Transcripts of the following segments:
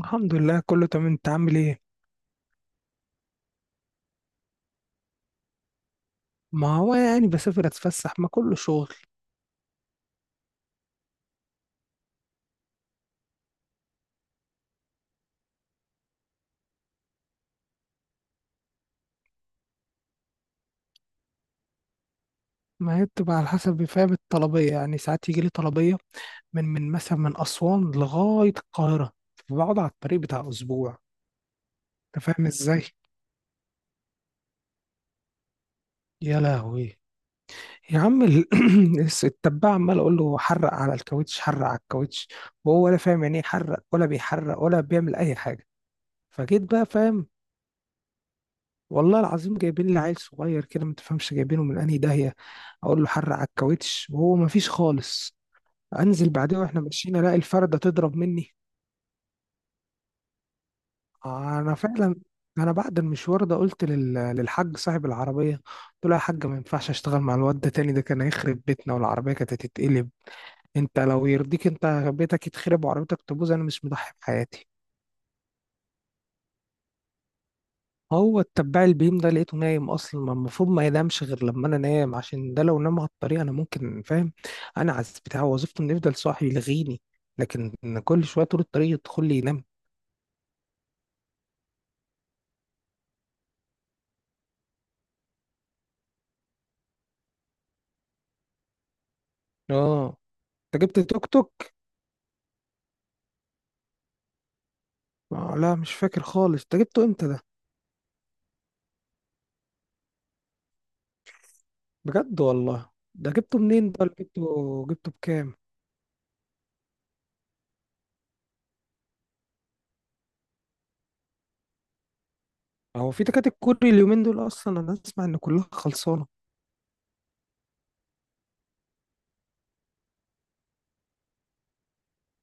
الحمد لله كله تمام، انت عامل ايه؟ ما هو يعني بسافر اتفسح، ما كله شغل. ما هي بتبقى على حسب، فاهم؟ الطلبية يعني ساعات يجي لي طلبية من مثلا من أسوان لغاية القاهرة، فبقعد على الطريق بتاع أسبوع. أنت فاهم ازاي؟ يا لهوي. يا عم ال- التبع عمال أقول له حرق على الكاوتش، حرق على الكاوتش، وهو ولا فاهم يعني ايه حرق، ولا بيحرق ولا بيعمل أي حاجة. فجيت بقى، فاهم؟ والله العظيم جايبين لي عيل صغير كده ما تفهمش، جايبينه من انهي داهيه. اقول له حر على الكاوتش وهو ما فيش خالص. انزل بعدها واحنا ماشيين الاقي الفرده تضرب مني. انا فعلا، انا بعد المشوار ده قلت للحاج صاحب العربيه، قلت له يا حاج ما ينفعش اشتغل مع الواد ده تاني، ده كان هيخرب بيتنا والعربيه كانت هتتقلب. انت لو يرضيك انت بيتك يتخرب وعربيتك تبوظ، انا مش مضحي بحياتي. هو التبع البيم ده لقيته نايم اصلا، ما المفروض ما ينامش غير لما انا نام، عشان ده لو نام على الطريق انا ممكن، فاهم؟ انا عز بتاع وظيفته انه يفضل صاحي يلغيني، لكن كل شويه طول الطريق يدخل لي ينام. اه، انت جبت توك توك؟ آه، لا مش فاكر خالص، انت جبته امتى ده؟ بجد والله؟ ده جبته منين ده؟ ولا جبته، جبته بكام؟ هو في تكاتك كوري اليومين دول اصلا؟ انا اسمع ان كلها خلصانه.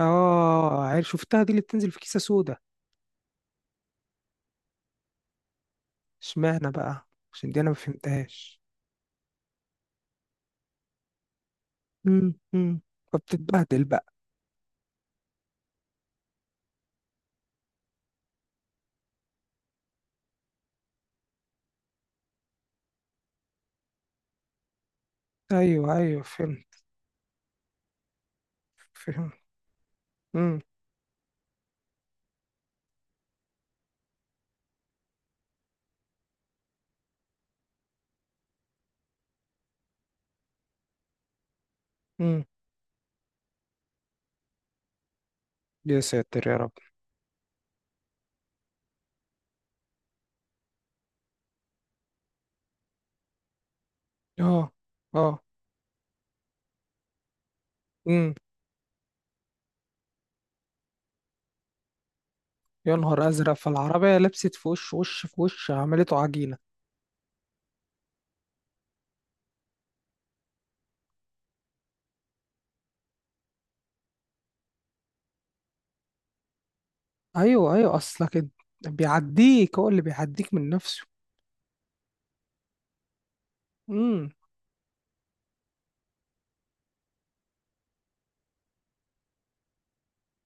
اه عارف، شفتها دي اللي بتنزل في كيسه سودا. اشمعنى بقى؟ عشان دي انا ما فهمتهاش. مم، مم. فبتتبهدل بقى. ايوه ايوه، فهمت. فهمت. مم، مم. يا ساتر يا رب. اه. اه. مم. يا نهار ازرق، فالعربيه لبست في وش، وش في وش عملته عجينه. ايوه ايوه، اصلك انت بيعديك، هو اللي بيعديك من نفسه. امم.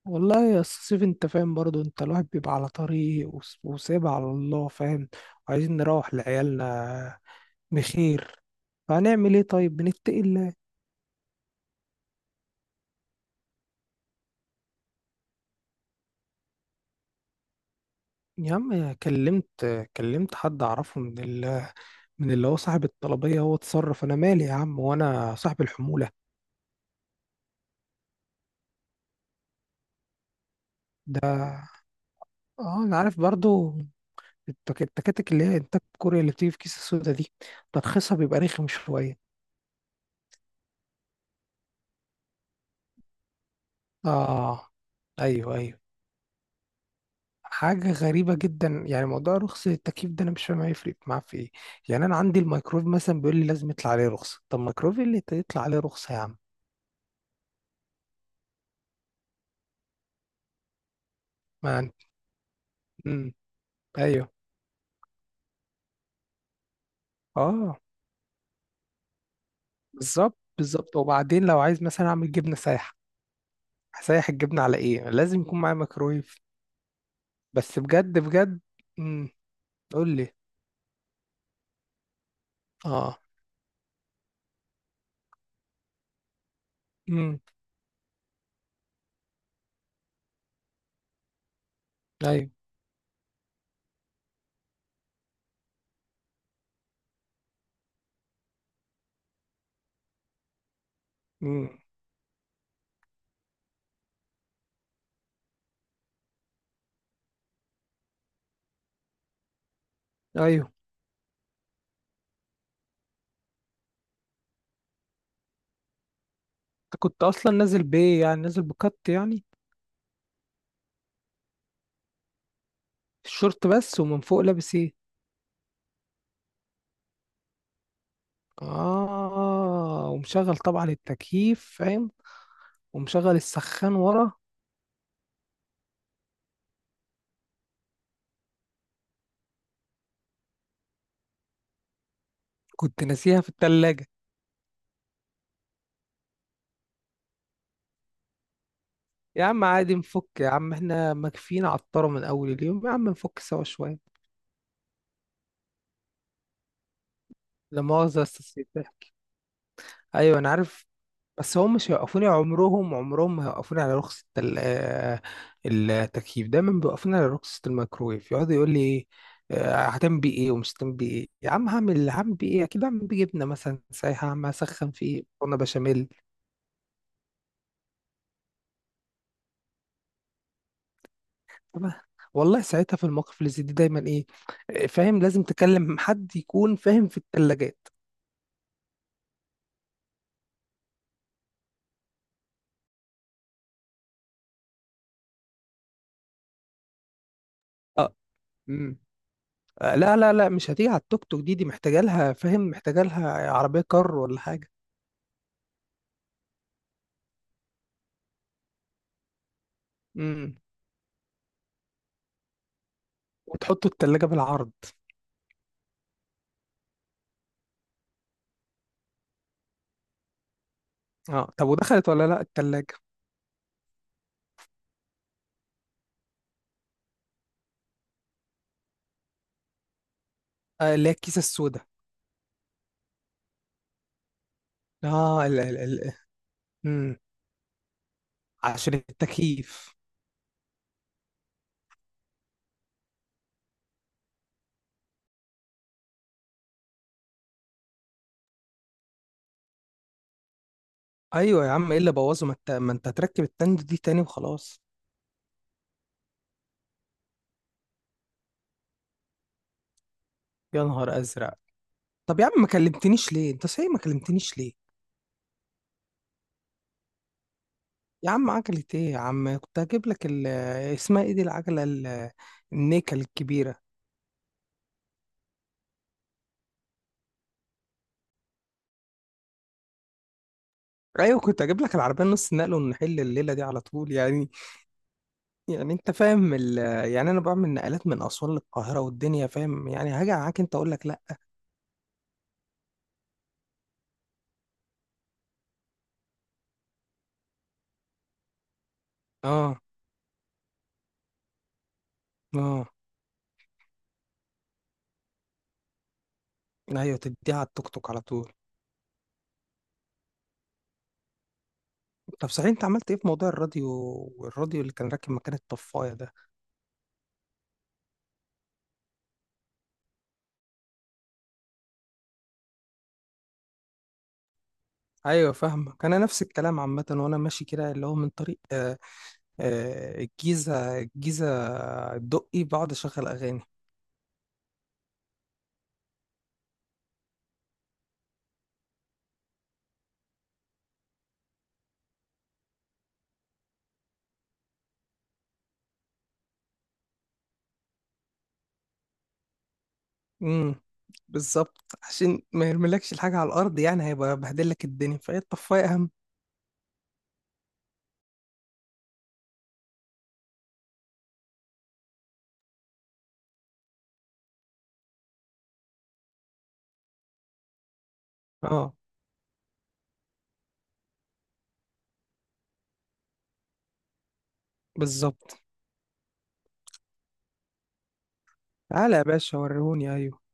والله يا أستاذ سيف انت فاهم برضو، انت الواحد بيبقى على طريق وسايبها على الله، فاهم؟ وعايزين نروح لعيالنا بخير. فهنعمل ايه طيب، بنتقي. يا عم كلمت، كلمت حد اعرفه من اللي هو صاحب الطلبيه، هو اتصرف. انا مالي يا عم، وانا صاحب الحموله ده. اه انا عارف برضو، التكاتك اللي هي انتاج كوريا اللي بتيجي في كيس السودا دي ترخيصها بيبقى رخم شويه. اه. ايوه ايوه. حاجه غريبه جدا يعني موضوع رخص التكييف ده، انا مش فاهم هيفرق معاه في ايه. يعني انا عندي الميكرويف مثلا بيقول لي لازم يطلع عليه رخصه، طب الميكرويف إيه اللي يطلع عليه رخصه يا عم؟ ما أنت- مم. ايوه. اه. بالظبط بالظبط، وبعدين لو عايز مثلا اعمل جبنه سايحه هسيح الجبنه على ايه؟ لازم يكون معايا ميكرويف. بس بجد بجد. امم. قول لي. اه. امم. ايوه. امم. ايوه. انت كنت اصلا نازل بايه؟ يعني نازل بكت يعني؟ الشورت بس؟ ومن فوق لابس ايه؟ اه، ومشغل طبعا التكييف، فاهم؟ ومشغل السخان ورا. كنت ناسيها في التلاجة. يا عم عادي نفك يا عم، احنا مكفينا عطارة من اول اليوم، يا عم نفك سوا شوية. لا مؤاخذة يا أستاذ سيف. ايوه انا عارف. بس هم مش هيوقفوني، عمرهم عمرهم ما هيوقفوني على رخصة ال- آه، التكييف، دايما بيوقفوني على رخصة الميكرويف. يقعد يقول لي إيه، آه، هتعمل بيه ايه ومش هتعمل بيه ايه؟ يا عم هعمل بيه ايه؟ اكيد هعمل بيه جبنة مثلا سايحة، هعمل اسخن فيه مكرونة بشاميل. طب والله ساعتها في المواقف اللي زي دي دايما ايه، آه، فاهم، لازم تكلم حد يكون فاهم في الثلاجات. اه. امم. آه، لا لا لا، مش هتيجي على التوك توك دي، دي محتاجه لها، فاهم؟ محتاجه لها عربيه كار ولا حاجه. امم. وتحطه التلاجة بالعرض. اه، طب ودخلت ولا لا التلاجة؟ آه، اللي هي الكيسة السوداء. اه ال ال ال مم. عشان التكييف. ايوه يا عم، ايه اللي بوظه، ما انت ما انت هتركب التند دي تاني وخلاص. يا نهار ازرق. طب يا عم ما كلمتنيش ليه؟ انت صحيح ما كلمتنيش ليه؟ يا عم عجلة ايه يا عم، كنت هجيب لك ال-، اسمها ايه دي، العجلة ال- النيكل الكبيرة. ايوه، كنت هجيب لك العربية نص نقل ونحل الليلة دي على طول يعني. يعني انت فاهم ال... يعني انا بعمل نقلات من اسوان للقاهره والدنيا، فاهم يعني، هاجي معاك انت اقول لك لا؟ اه. اه. ايوه، تديها على التوك توك على طول. طب صحيح انت عملت ايه في موضوع الراديو، والراديو اللي كان راكب مكان الطفايه ده؟ ايوه فاهمك، انا نفس الكلام عامه وانا ماشي كده، اللي هو من طريق الجيزه، الجيزه الدقي، بقعد اشغل اغاني. امم. بالظبط، عشان ما يرملكش الحاجه على الارض، يعني هيبقى بهدلك الدنيا، فهي الطفايه اهم. اه بالظبط. تعالى يا باشا وريهوني. ايوه.